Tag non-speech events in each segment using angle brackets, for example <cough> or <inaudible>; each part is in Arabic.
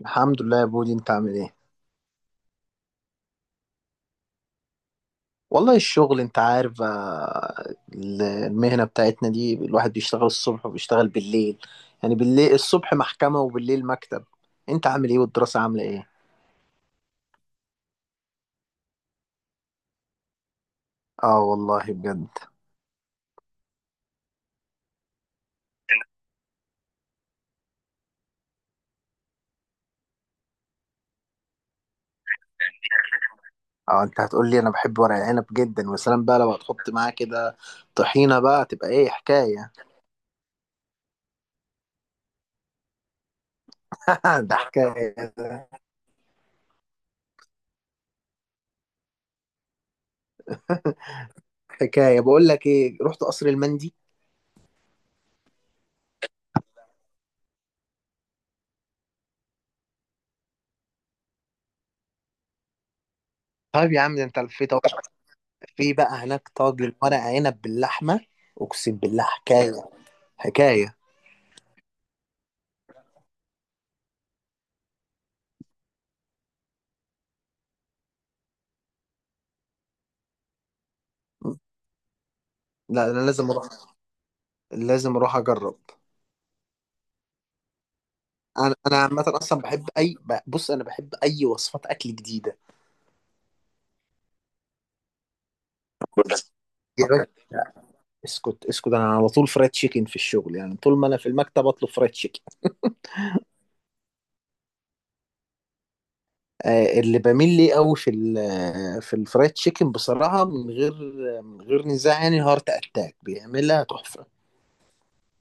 الحمد لله يا بودي، انت عامل ايه؟ والله الشغل انت عارف، المهنة بتاعتنا دي الواحد بيشتغل الصبح وبيشتغل بالليل. يعني بالليل، الصبح محكمة وبالليل مكتب. انت عامل ايه؟ والدراسة عاملة ايه؟ اه، والله بجد. اه، انت هتقول لي انا بحب ورق العنب جدا، وسلام بقى لو هتحط معاه كده طحينة، بقى تبقى ايه حكاية؟ <laughs> ده حكاية ده. حكاية. بقول لك ايه، رحت قصر المندي؟ طيب يا عم، ده انت لفيت اهو. في بقى هناك طاجن ورق عنب باللحمة، اقسم بالله حكاية، حكاية. لا، انا لازم اروح، لازم اروح اجرب. انا عامة اصلا بحب اي، بص انا بحب اي وصفات اكل جديدة. يا باشا، اسكت اسكت، انا على طول فرايد تشيكن في الشغل، يعني طول ما انا في المكتب اطلب فرايد تشيكن. اللي بميل ليه قوي في في الفرايد تشيكن بصراحة، من غير نزاع، يعني هارت اتاك بيعملها تحفة.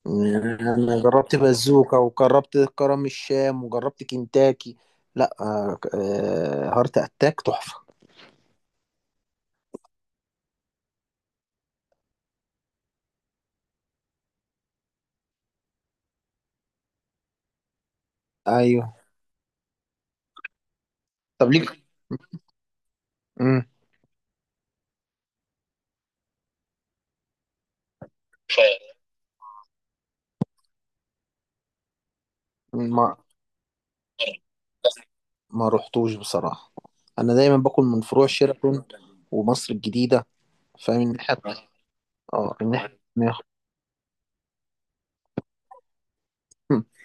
يعني انا جربت بازوكا، وجربت كرم الشام، وجربت كنتاكي. لا، هارت اتاك تحفة. ايوه. طب ليك. مم. ف ما ما رحتوش بصراحة. أنا دايما باكل من فروع شيراتون ومصر الجديدة. فاهم الناحية؟ اه، الناحية التانية. <laughs>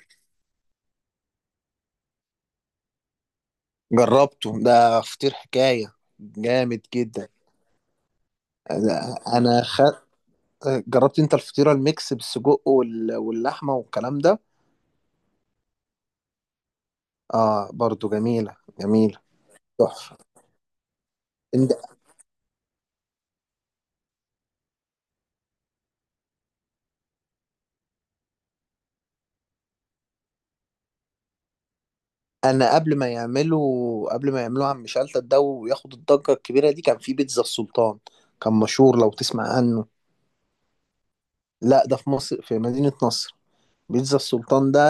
جربته ده، فطير حكاية، جامد جدا. أنا أنا خ... جربت أنت الفطيرة الميكس بالسجق واللحمة والكلام ده. اه، برضو جميلة جميلة، تحفة. إن- أنا قبل ما يعملوها عم شلتت ده وياخد الضجة الكبيرة دي، كان في بيتزا السلطان. كان مشهور، لو تسمع عنه. لا، ده في مصر، في مدينة نصر. بيتزا السلطان ده،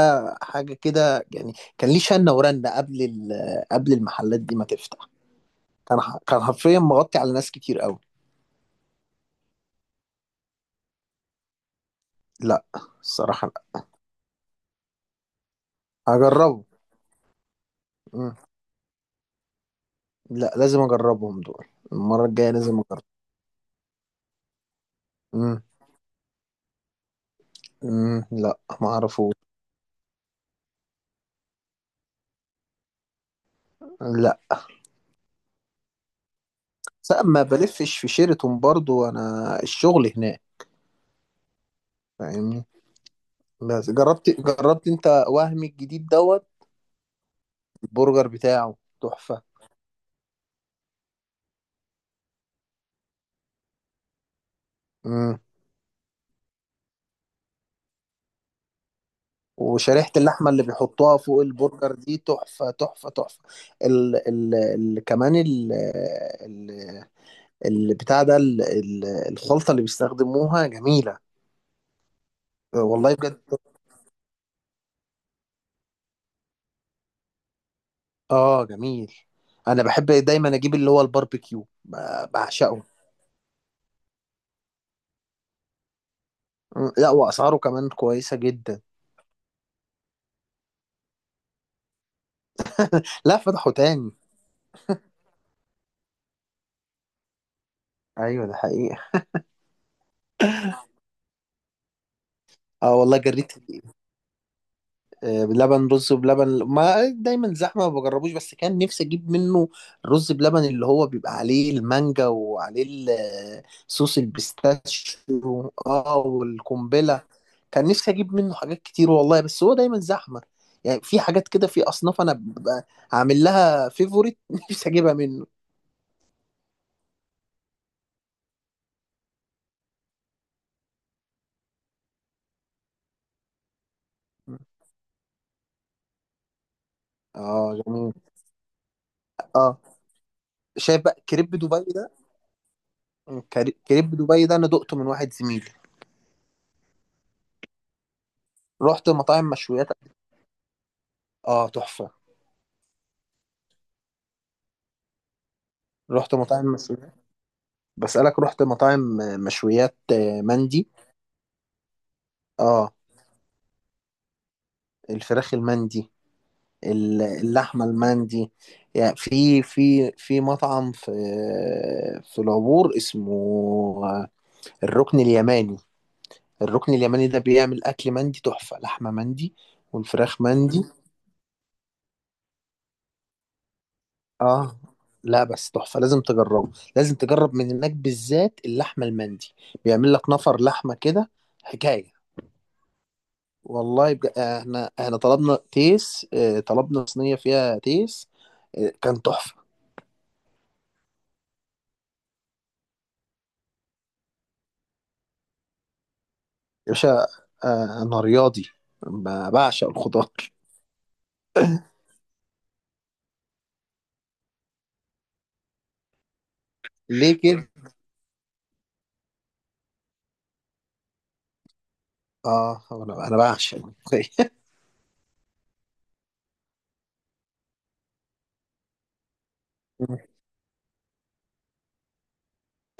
حاجة كده. يعني كان ليه شنة ورنة قبل المحلات دي ما تفتح. كان حرفيا مغطي على ناس كتير قوي. لا، الصراحة لا. هجربه. مم. لا، لازم اجربهم دول، المرة الجاية لازم اجرب. مم. مم. لا، ما اعرفوش. لا بس ما بلفش في شيراتون، برضو انا الشغل هناك. فاهمني؟ بس جربت انت وهمي الجديد دوت. البرجر بتاعه تحفة. مم. وشريحة اللحمة اللي بيحطوها فوق البرجر دي تحفة تحفة تحفة. ال ال ال كمان ال ال البتاع ده ال ال الخلطة اللي بيستخدموها جميلة. والله بجد. اه، جميل. انا بحب دايما اجيب اللي هو الباربيكيو، بعشقه. لا، واسعاره كمان كويسة جدا. لا، فتحوا تاني. ايوه، ده حقيقة. اه، والله جريت. بلبن، رز بلبن ما دايما زحمه، ما بجربوش، بس كان نفسي اجيب منه. الرز بلبن اللي هو بيبقى عليه المانجا وعليه صوص البيستاشيو. اه، والقنبله. كان نفسي اجيب منه حاجات كتير والله، بس هو دايما زحمه. يعني في حاجات كده، في اصناف انا ببقى عامل لها فيفوريت، <laughs> نفسي اجيبها منه. اه، جميل. اه. شايف بقى كريب دبي ده؟ كريب دبي ده انا دقته من واحد زميلي. رحت مطاعم مشويات. اه، تحفه. رحت مطاعم مشويات بسألك، رحت مطاعم مشويات، مندي. اه، الفراخ المندي، اللحمة المندي. يعني في مطعم في العبور اسمه آه، الركن اليماني. الركن اليماني ده بيعمل أكل مندي تحفة، لحمة مندي، والفراخ مندي. اه. لا بس تحفة، لازم تجربه، لازم تجرب من هناك بالذات اللحمة المندي. بيعمل لك نفر لحمة كده، حكاية. والله بجد، احنا طلبنا تيس، طلبنا صينية فيها تيس، اه، كان تحفة. يا باشا، اه، انا رياضي، بعشق الخضار. ليه كده؟ اه، انا بعشق. <laughs>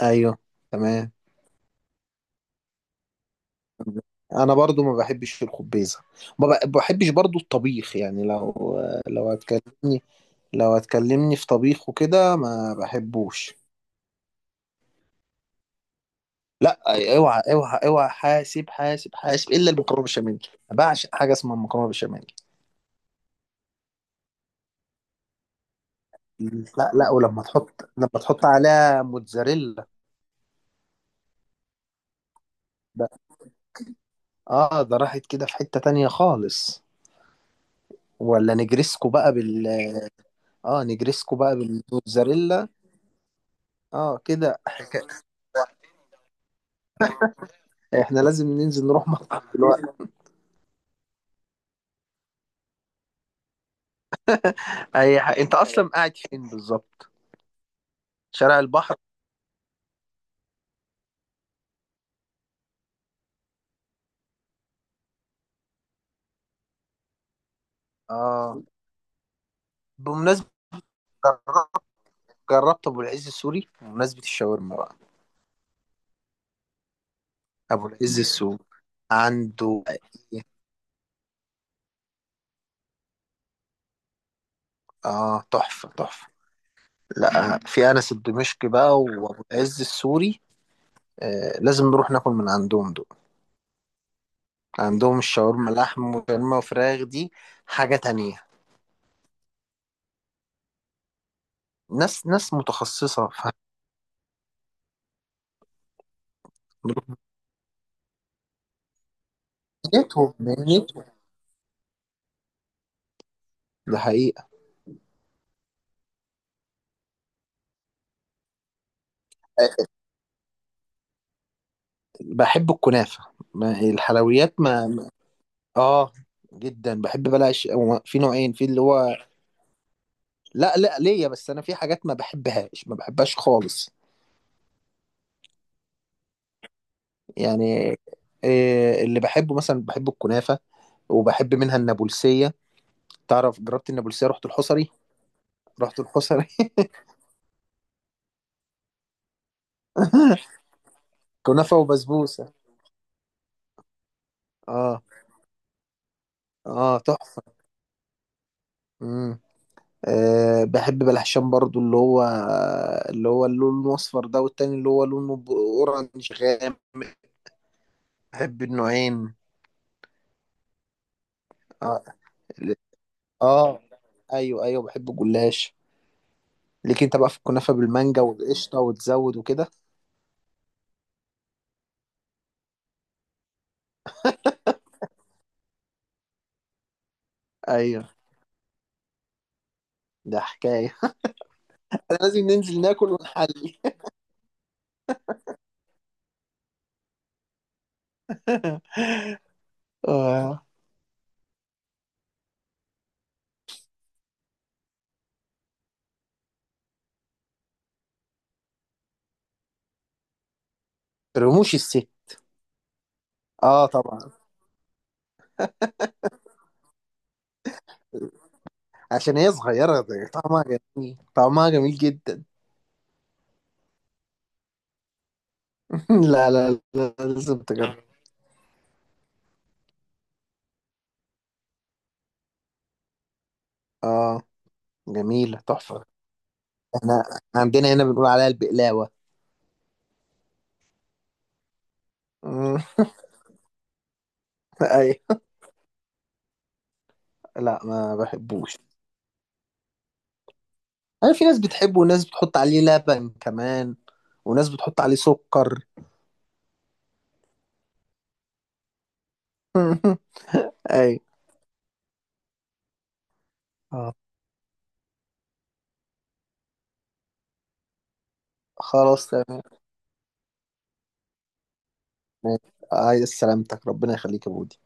ايوه، تمام. انا برضو ما بحبش الخبيزة، ما بحبش برضو الطبيخ، يعني لو هتكلمني، لو هتكلمني في طبيخ وكده ما بحبوش. لا، اوعى اوعى اوعى، حاسب حاسب حاسب، الا المكرونه بالبشاميل، أنا بعشق حاجه اسمها المكرونه بالبشاميل. لا، لا، ولما تحط عليها موتزاريلا. ده اه ده راحت كده في حته تانية خالص. ولا نجرسكو بقى بالموتزاريلا. اه، كده احنا لازم ننزل نروح مطعم دلوقتي. انت اصلا قاعد فين بالظبط؟ شارع البحر؟ اه، بمناسبه، جربت جربت ابو العز السوري، بمناسبه الشاورما بقى. ابو العز السوق، عنده. إيه؟ اه، تحفه، تحفه. لا، في انس الدمشقي بقى، وابو العز السوري. آه، لازم نروح ناكل من عندهم دول. عندهم الشاورما لحم وشاورما وفراخ دي، حاجه تانية. ناس ناس متخصصه مهنتهم مهنتهم. ده حقيقه. آه، بحب الكنافه، الحلويات اه، جدا بحب. بلاش، هو في نوعين، في اللي هو، لا، لا، ليا بس، انا في حاجات ما بحبهاش، ما بحبهاش خالص. يعني، إيه اللي بحبه؟ مثلا بحب الكنافة، وبحب منها النابلسية. تعرف؟ جربت النابلسية، رحت الحصري، رحت الحصري <laughs> كنافة وبسبوسة، اه، اه، تحفة. مم. آه، بحب بلحشان برضو، اللي هو اللون الأصفر ده، والتاني اللي هو لونه أورنج غامق. بحب النوعين، اه، اه. ايوه، ايوه، بحب الجلاش. ليك انت بقى في الكنافة بالمانجا والقشطة وتزود وكده. ايوه، ده حكاية. لازم ننزل ناكل ونحلي. <laughs> آه، رموش الست. اه، طبعا. عشان هي صغيرة، ده طعمها جميل، طعمها جميل جدا. <laughs> لا، لا، لا، لازم تجرب. اه، جميلة، تحفة. احنا عندنا هنا بنقول عليها البقلاوة. مم. <laughs> ايوه. لا، ما بحبوش. انا، في ناس بتحبه، وناس بتحط عليه لبن كمان، وناس بتحط عليه سكر. <laughs> ايوه. آه. خلاص، تمام. ماشي. عايز سلامتك، ربنا يخليك يا بودي.